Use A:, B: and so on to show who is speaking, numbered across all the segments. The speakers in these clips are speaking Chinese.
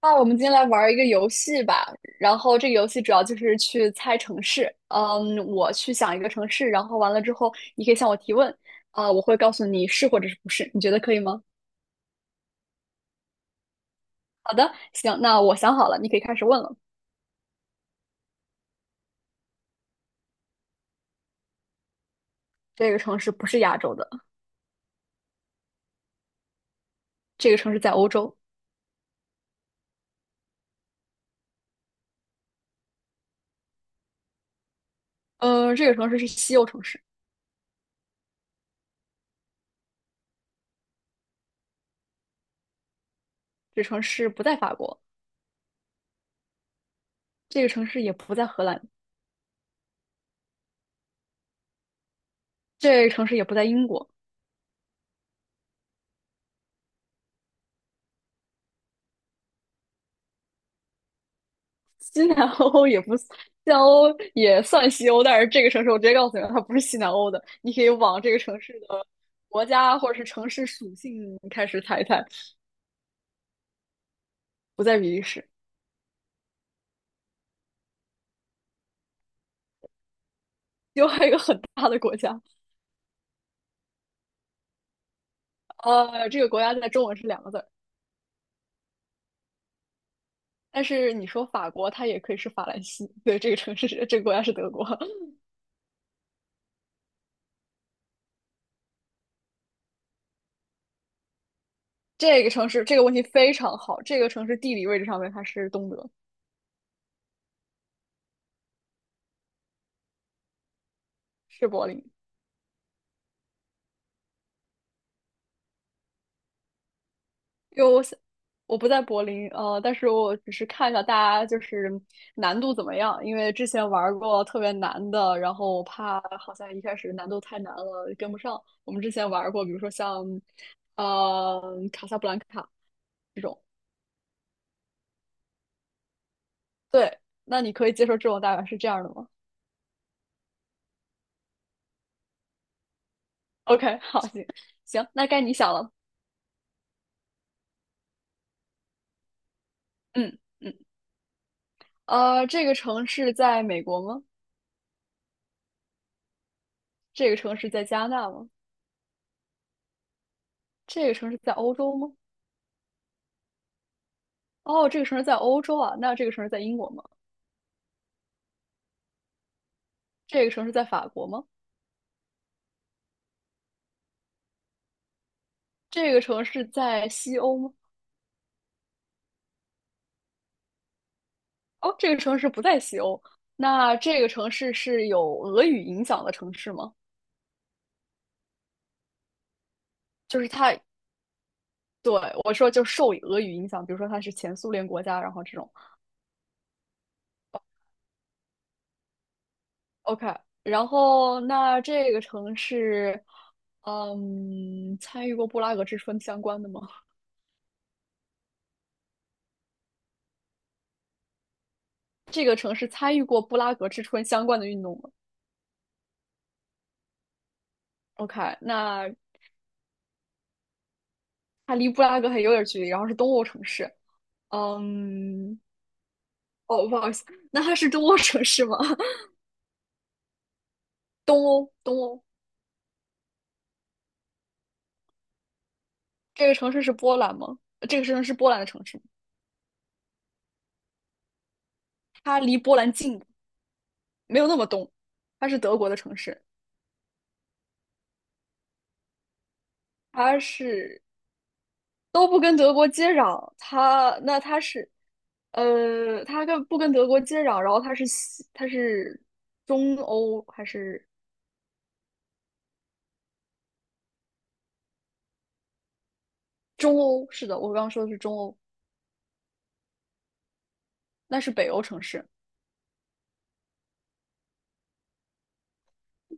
A: 那我们今天来玩儿一个游戏吧，然后这个游戏主要就是去猜城市。嗯，我去想一个城市，然后完了之后，你可以向我提问，我会告诉你是或者是不是，你觉得可以吗？好的，行，那我想好了，你可以开始问了。这个城市不是亚洲的，这个城市在欧洲。嗯，这个城市是西欧城市，这个城市不在法国，这个城市也不在荷兰，这个城市也不在英国，西南欧也不，西南欧也算西欧，但是这个城市我直接告诉你了它不是西南欧的。你可以往这个城市的国家或者是城市属性开始猜一猜。不在比利时，另还有一个很大的国家。这个国家在中文是两个字儿，但是你说法国，它也可以是法兰西。对，这个城市是这个国家是德国，这个城市这个问题非常好，这个城市地理位置上面它是东德，是柏林。因为我想我不在柏林，但是我只是看一下大家就是难度怎么样，因为之前玩过特别难的，然后我怕好像一开始难度太难了跟不上。我们之前玩过，比如说像呃卡萨布兰卡这种。对，那你可以接受这种大概是这样的吗？OK，好，行，那该你想了。嗯嗯，这个城市在美国吗？这个城市在加拿大吗？这个城市在欧洲吗？哦，这个城市在欧洲啊，那这个城市在英国吗？这个城市在法国吗？这个城市在西欧吗？哦，这个城市不在西欧。那这个城市是有俄语影响的城市吗？就是它，对，我说就受俄语影响，比如说它是前苏联国家，然后这种。OK，然后那这个城市，嗯，参与过布拉格之春相关的吗？这个城市参与过布拉格之春相关的运动吗？OK，那它离布拉格还有点距离，然后是东欧城市。嗯，哦，不好意思，那它是东欧城市吗？东欧，这个城市是波兰吗？这个城市是波兰的城市吗，它离波兰近，没有那么东，它是德国的城市，它是都不跟德国接壤，它那它是，呃，它跟不跟德国接壤，然后它是中欧还是中欧？是的，我刚刚说的是中欧，那是北欧城市，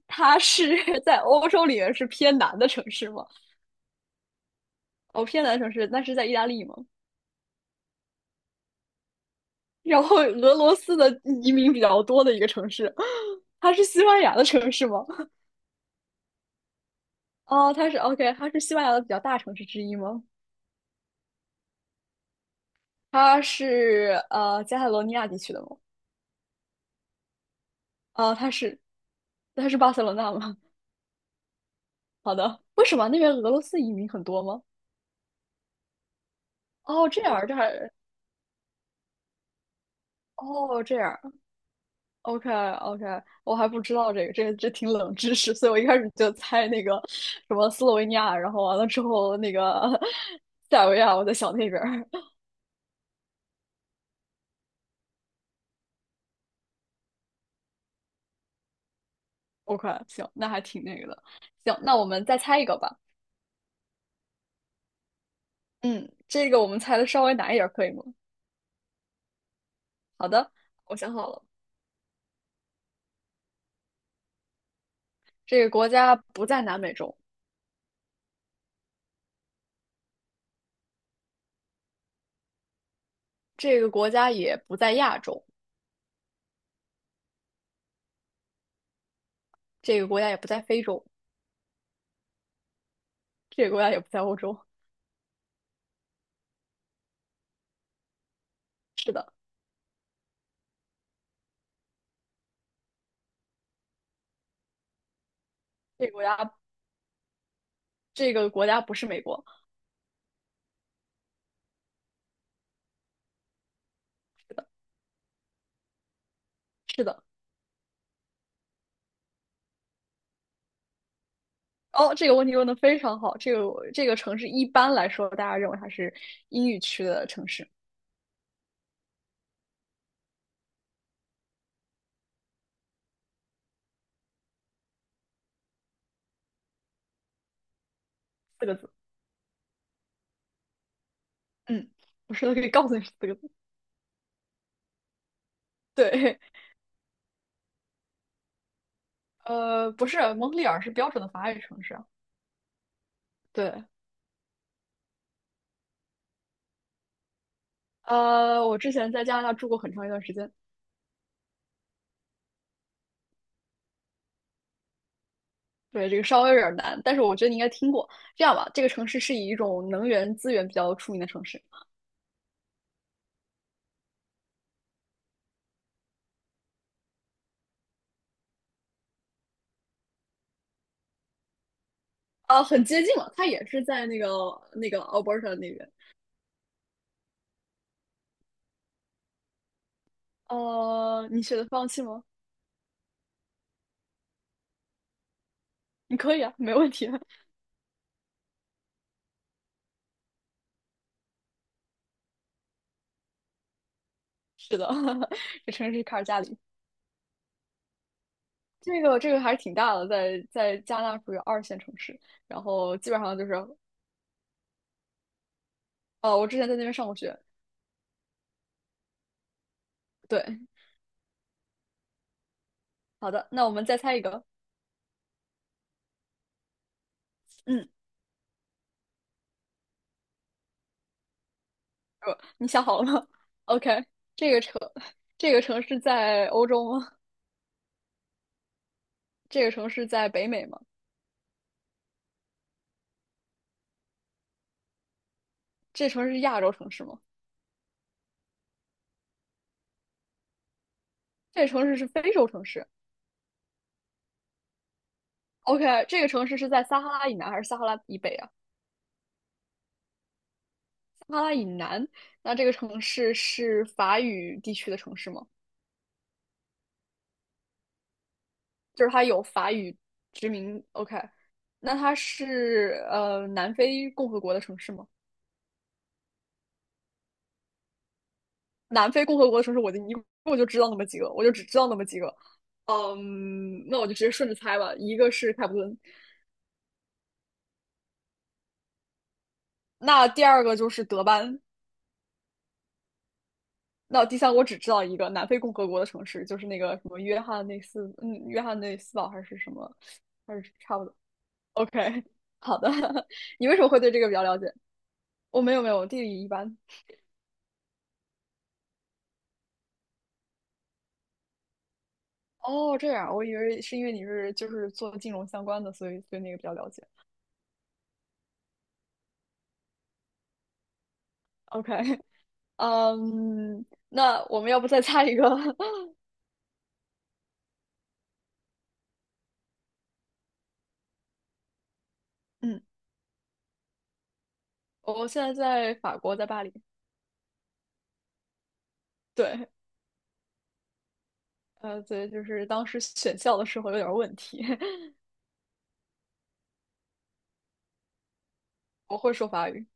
A: 它是 在欧洲里面是偏南的城市吗？哦，偏南城市，那是在意大利吗？然后俄罗斯的移民比较多的一个城市，它是西班牙的城市吗？哦，它是 OK，它是西班牙的比较大城市之一吗？它是加泰罗尼亚地区的吗？啊，它是巴塞罗那吗？好的，为什么那边俄罗斯移民很多吗？哦，这样儿这还，哦这样儿 OK OK，我还不知道这个，这挺冷知识，所以我一开始就猜那个什么斯洛维尼亚，然后完了之后那个 塞尔维亚，我在想那边儿。OK，行，那还挺那个的。行，那我们再猜一个吧。嗯，这个我们猜的稍微难一点儿，可以吗？好的，我想好了，这个国家不在南美洲，这个国家也不在亚洲，这个国家也不在非洲，这个国家也不在欧洲。是的，这个国家，这个国家不是美国。是的。哦，这个问题问的非常好。这个城市一般来说，大家认为它是英语区的城市，四个字。嗯，我说的可以告诉你是四个字。对，不是，蒙特利尔是标准的法语城市啊。对，我之前在加拿大住过很长一段时间。对，这个稍微有点难，但是我觉得你应该听过。这样吧，这个城市是以一种能源资源比较出名的城市。很接近了，它也是在那个 Alberta 那边。呃，你选择放弃吗？你可以啊，没问题啊。是的，这城市是卡尔加里，这个还是挺大的，在加拿大属于二线城市，然后基本上就是，哦，我之前在那边上过学。对，好的，那我们再猜一个。嗯，呃你想好了吗？OK，这个城，这个城市在欧洲吗？这个城市在北美吗？这城市是亚洲城市吗？这个城市是非洲城市？OK，这个城市是在撒哈拉以南还是撒哈拉以北啊？撒哈拉以南，那这个城市是法语地区的城市吗？就是它有法语殖民。OK，那它是南非共和国的城市吗？南非共和国的城市，我一共就知道那么几个，我就只知道那么几个。嗯，那我就直接顺着猜吧。一个是开普敦，那第二个就是德班，那第三个我只知道一个南非共和国的城市，就是那个什么约翰内斯，嗯，约翰内斯堡还是什么，还是差不多。OK，好的。你为什么会对这个比较了解？我没有，地理一般。哦，这样，我以为是因为你是就是做金融相关的，所以对那个比较了解。OK，嗯，那我们要不再猜一个？嗯，我现在在法国，在巴黎。对，就是当时选校的时候有点儿问题，我会说法语。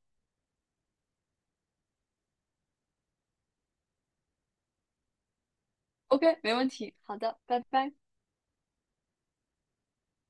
A: OK，没问题。好的，拜拜。